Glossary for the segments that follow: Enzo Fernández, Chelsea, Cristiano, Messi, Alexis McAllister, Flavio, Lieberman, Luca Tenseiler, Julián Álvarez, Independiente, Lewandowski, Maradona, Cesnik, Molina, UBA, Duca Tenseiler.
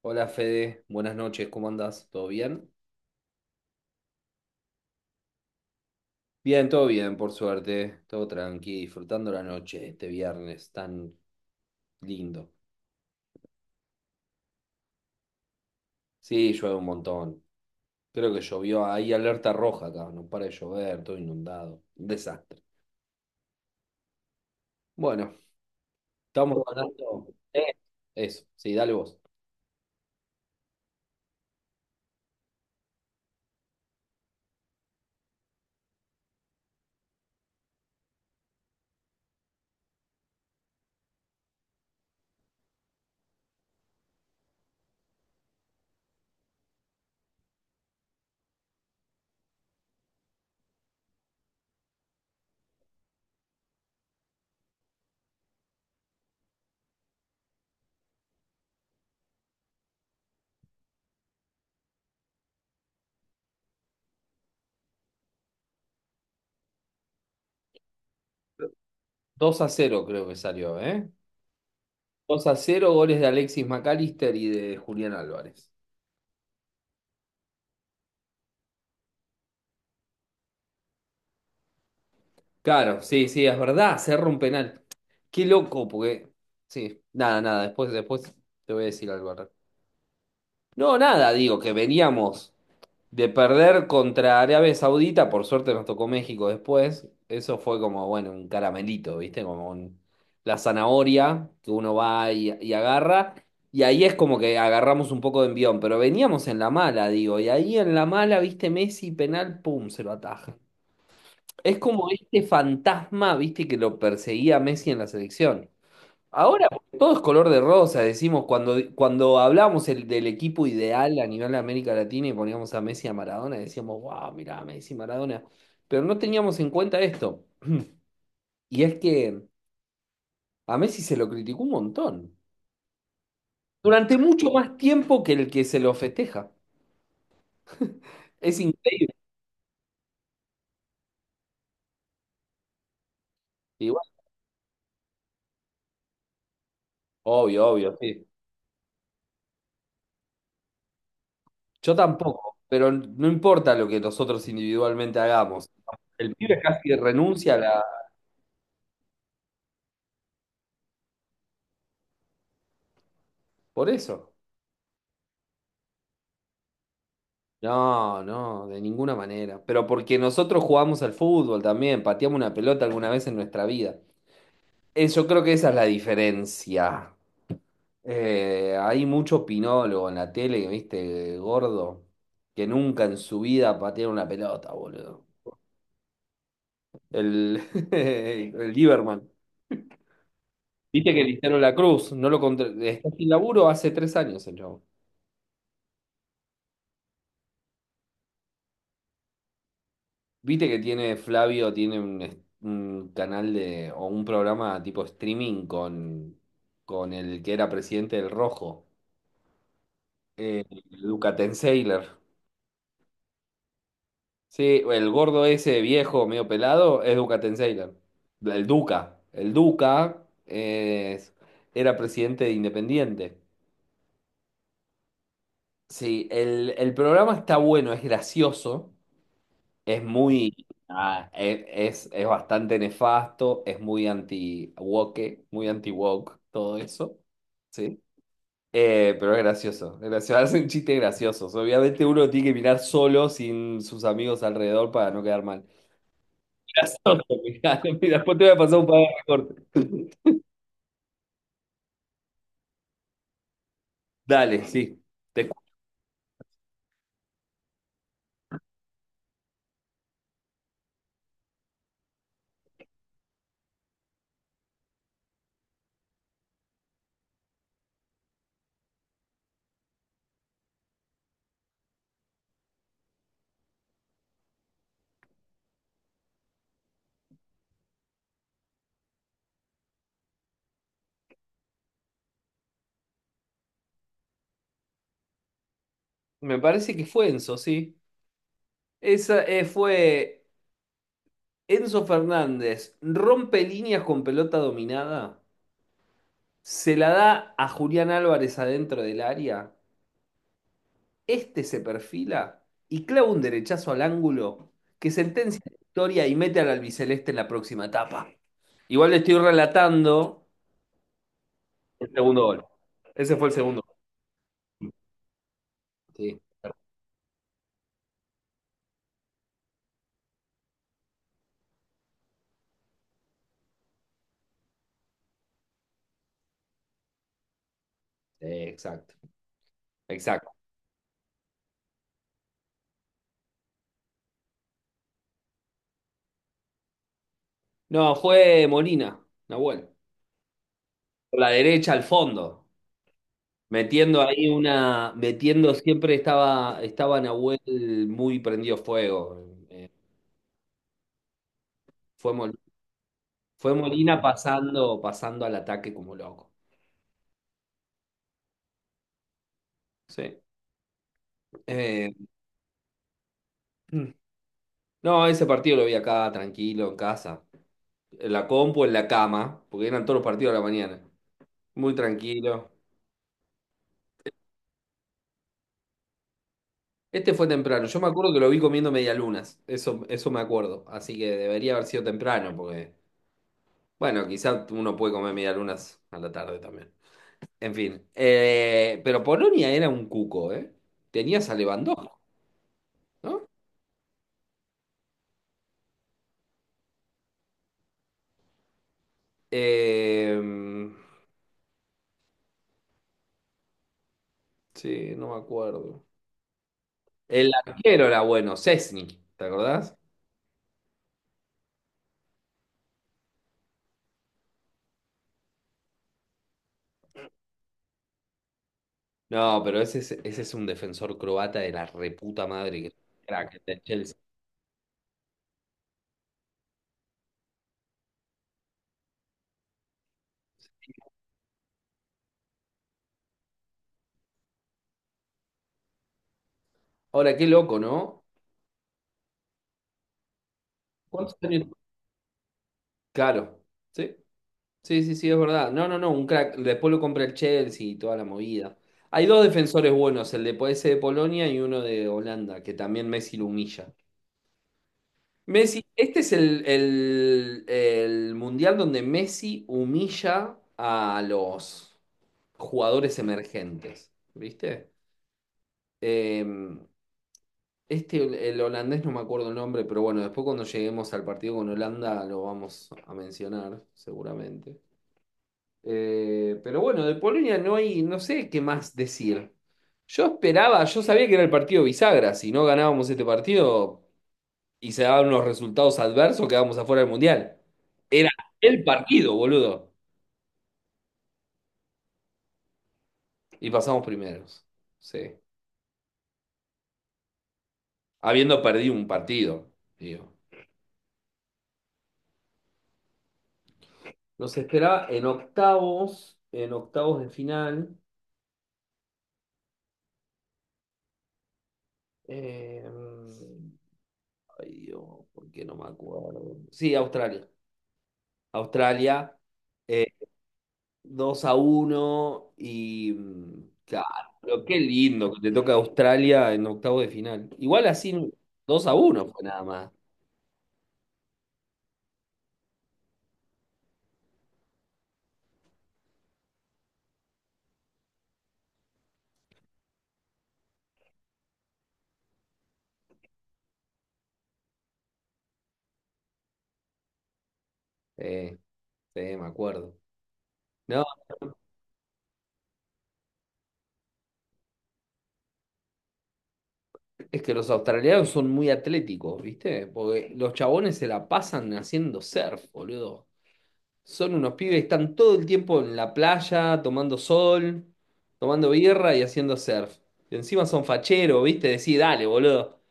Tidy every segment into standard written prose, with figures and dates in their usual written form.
Hola Fede, buenas noches, ¿cómo andás? ¿Todo bien? Bien, todo bien, por suerte, todo tranqui, disfrutando la noche este viernes tan lindo. Sí, llueve un montón. Creo que llovió, hay alerta roja acá, no para de llover, todo inundado. Un desastre. Bueno, estamos hablando. Eh, Eso, sí, dale vos. Dos a cero creo que salió, ¿eh? 2-0 goles de Alexis McAllister y de Julián Álvarez. Claro, sí, sí, es verdad, cerró un penal. Qué loco. Porque. Sí, nada, nada, después te voy a decir algo al respecto. No, nada, digo que veníamos de perder contra Arabia Saudita, por suerte nos tocó México después. Eso fue como, bueno, un caramelito, ¿viste? La zanahoria que uno va y agarra. Y ahí es como que agarramos un poco de envión, pero veníamos en la mala, digo. Y ahí en la mala, ¿viste? Messi, penal, pum, se lo ataja. Es como este fantasma, viste, que lo perseguía a Messi en la selección. Ahora todo es color de rosa, decimos, cuando hablamos del equipo ideal a nivel de América Latina y poníamos a Messi y a Maradona, decíamos, wow, mirá, Messi, Maradona. Pero no teníamos en cuenta esto. Y es que a Messi se lo criticó un montón durante mucho más tiempo que el que se lo festeja. Es increíble. Igual, obvio, obvio, sí. Yo tampoco, pero no importa lo que nosotros individualmente hagamos. El pibe casi renuncia a la. Por eso. No, no, de ninguna manera. Pero porque nosotros jugamos al fútbol también, pateamos una pelota alguna vez en nuestra vida. Yo creo que esa es la diferencia. Hay mucho opinólogo en la tele, viste, gordo, que nunca en su vida patearon una pelota, boludo. El, el Lieberman. Viste que Cristiano La Cruz no lo está sin laburo hace 3 años el chavo. Viste que tiene Flavio, tiene un canal de, o un programa tipo streaming con, el que era presidente del Rojo, eh, Luca Tenseiler. Sí, el gordo ese viejo, medio pelado, es Duca Tenseiler. El Duca. El Duca era presidente de Independiente. Sí, el programa está bueno, es gracioso. Es muy, ah, e- es bastante nefasto, es muy anti-woke, todo eso, ¿sí? Pero es gracioso, hacen chistes graciosos. Obviamente uno tiene que mirar solo, sin sus amigos alrededor, para no quedar mal. Mirá mirá, después te voy a pasar un par de recortes. Dale, sí. Te- me parece que fue Enzo, sí. Esa fue Enzo Fernández, rompe líneas con pelota dominada. Se la da a Julián Álvarez adentro del área. Este se perfila y clava un derechazo al ángulo que sentencia la victoria y mete al albiceleste en la próxima etapa. Igual le estoy relatando el segundo gol. Ese fue el segundo gol. Sí. Sí, exacto, exacto. No, fue Molina, Nahuel. Por la derecha al fondo. Metiendo ahí una. Metiendo siempre estaba, Nahuel muy prendido fuego. Fue Molina Fue Molina pasando, pasando al ataque como loco. Sí. Eh, no, ese partido lo vi acá, tranquilo, en casa. En la compu, en la cama, porque eran todos los partidos a la mañana. Muy tranquilo. Este fue temprano. Yo me acuerdo que lo vi comiendo medialunas. Eso me acuerdo. Así que debería haber sido temprano, porque, bueno, quizás uno puede comer medialunas a la tarde también. En fin. Pero Polonia era un cuco, ¿eh? Tenías a Lewandowski, ¿no? Eh, sí, no me acuerdo. El arquero era bueno, Cesnik, ¿te acordás? No, pero ese es, un defensor croata de la reputa madre, que crack, el del Chelsea. Ahora, qué loco, ¿no? ¿Cuántos años? Claro, sí, sí, sí, sí, es verdad. No, no, no, un crack. Después lo compra el Chelsea y toda la movida. Hay dos defensores buenos, el de ese de Polonia y uno de Holanda, que también Messi lo humilla. Messi, este es el mundial donde Messi humilla a los jugadores emergentes, ¿viste? Eh, este, el holandés, no me acuerdo el nombre, pero bueno, después cuando lleguemos al partido con Holanda lo vamos a mencionar, seguramente. Pero bueno, de Polonia no hay, no sé qué más decir. Yo esperaba, yo sabía que era el partido bisagra, si no ganábamos este partido y se daban unos resultados adversos, quedábamos afuera del Mundial. Era el partido, boludo. Y pasamos primeros. Sí. Habiendo perdido un partido, digo. Nos esperaba en octavos de final. eh, Ay Dios, ¿por qué no me acuerdo? Sí, Australia. Australia, eh, 2 a uno y claro, pero qué lindo que te toca Australia en octavos de final. Igual así 2-1 fue nada más. Eh, sí, me acuerdo. No, es que los australianos son muy atléticos, ¿viste? Porque los chabones se la pasan haciendo surf, boludo. Son unos pibes que están todo el tiempo en la playa, tomando sol, tomando birra y haciendo surf. Y encima son facheros, ¿viste? Decí, dale, boludo.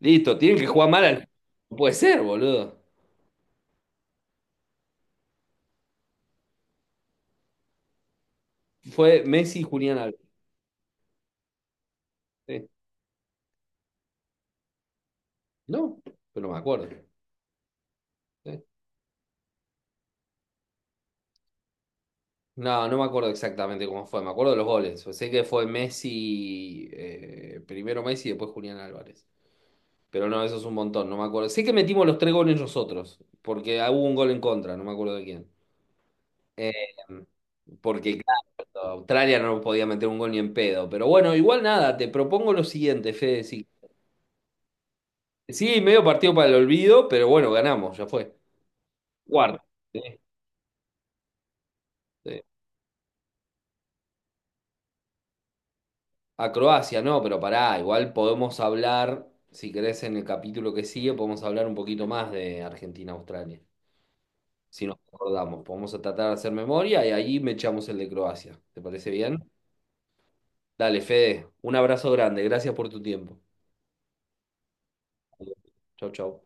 Listo, tienen que jugar mal al. No puede ser, boludo. Fue Messi y Julián Álvarez. Sí. No, pero no me acuerdo. Sí. No, no me acuerdo exactamente cómo fue. Me acuerdo de los goles. Pues sé que fue Messi, primero Messi y después Julián Álvarez. Pero no, eso es un montón, no me acuerdo. Sé que metimos los tres goles nosotros, porque hubo un gol en contra, no me acuerdo de quién. Eh, Porque, claro, Australia no podía meter un gol ni en pedo. Pero bueno, igual nada, te propongo lo siguiente, Fede. Sí, sí, medio partido para el olvido, pero bueno, ganamos, ya fue. Cuarto. Sí, sí. A Croacia, no, pero pará, igual podemos hablar, si querés, en el capítulo que sigue, podemos hablar un poquito más de Argentina-Australia. Si nos acordamos, podemos tratar de hacer memoria y ahí me echamos el de Croacia. ¿Te parece bien? Dale, Fede, un abrazo grande, gracias por tu tiempo. Chau, chau.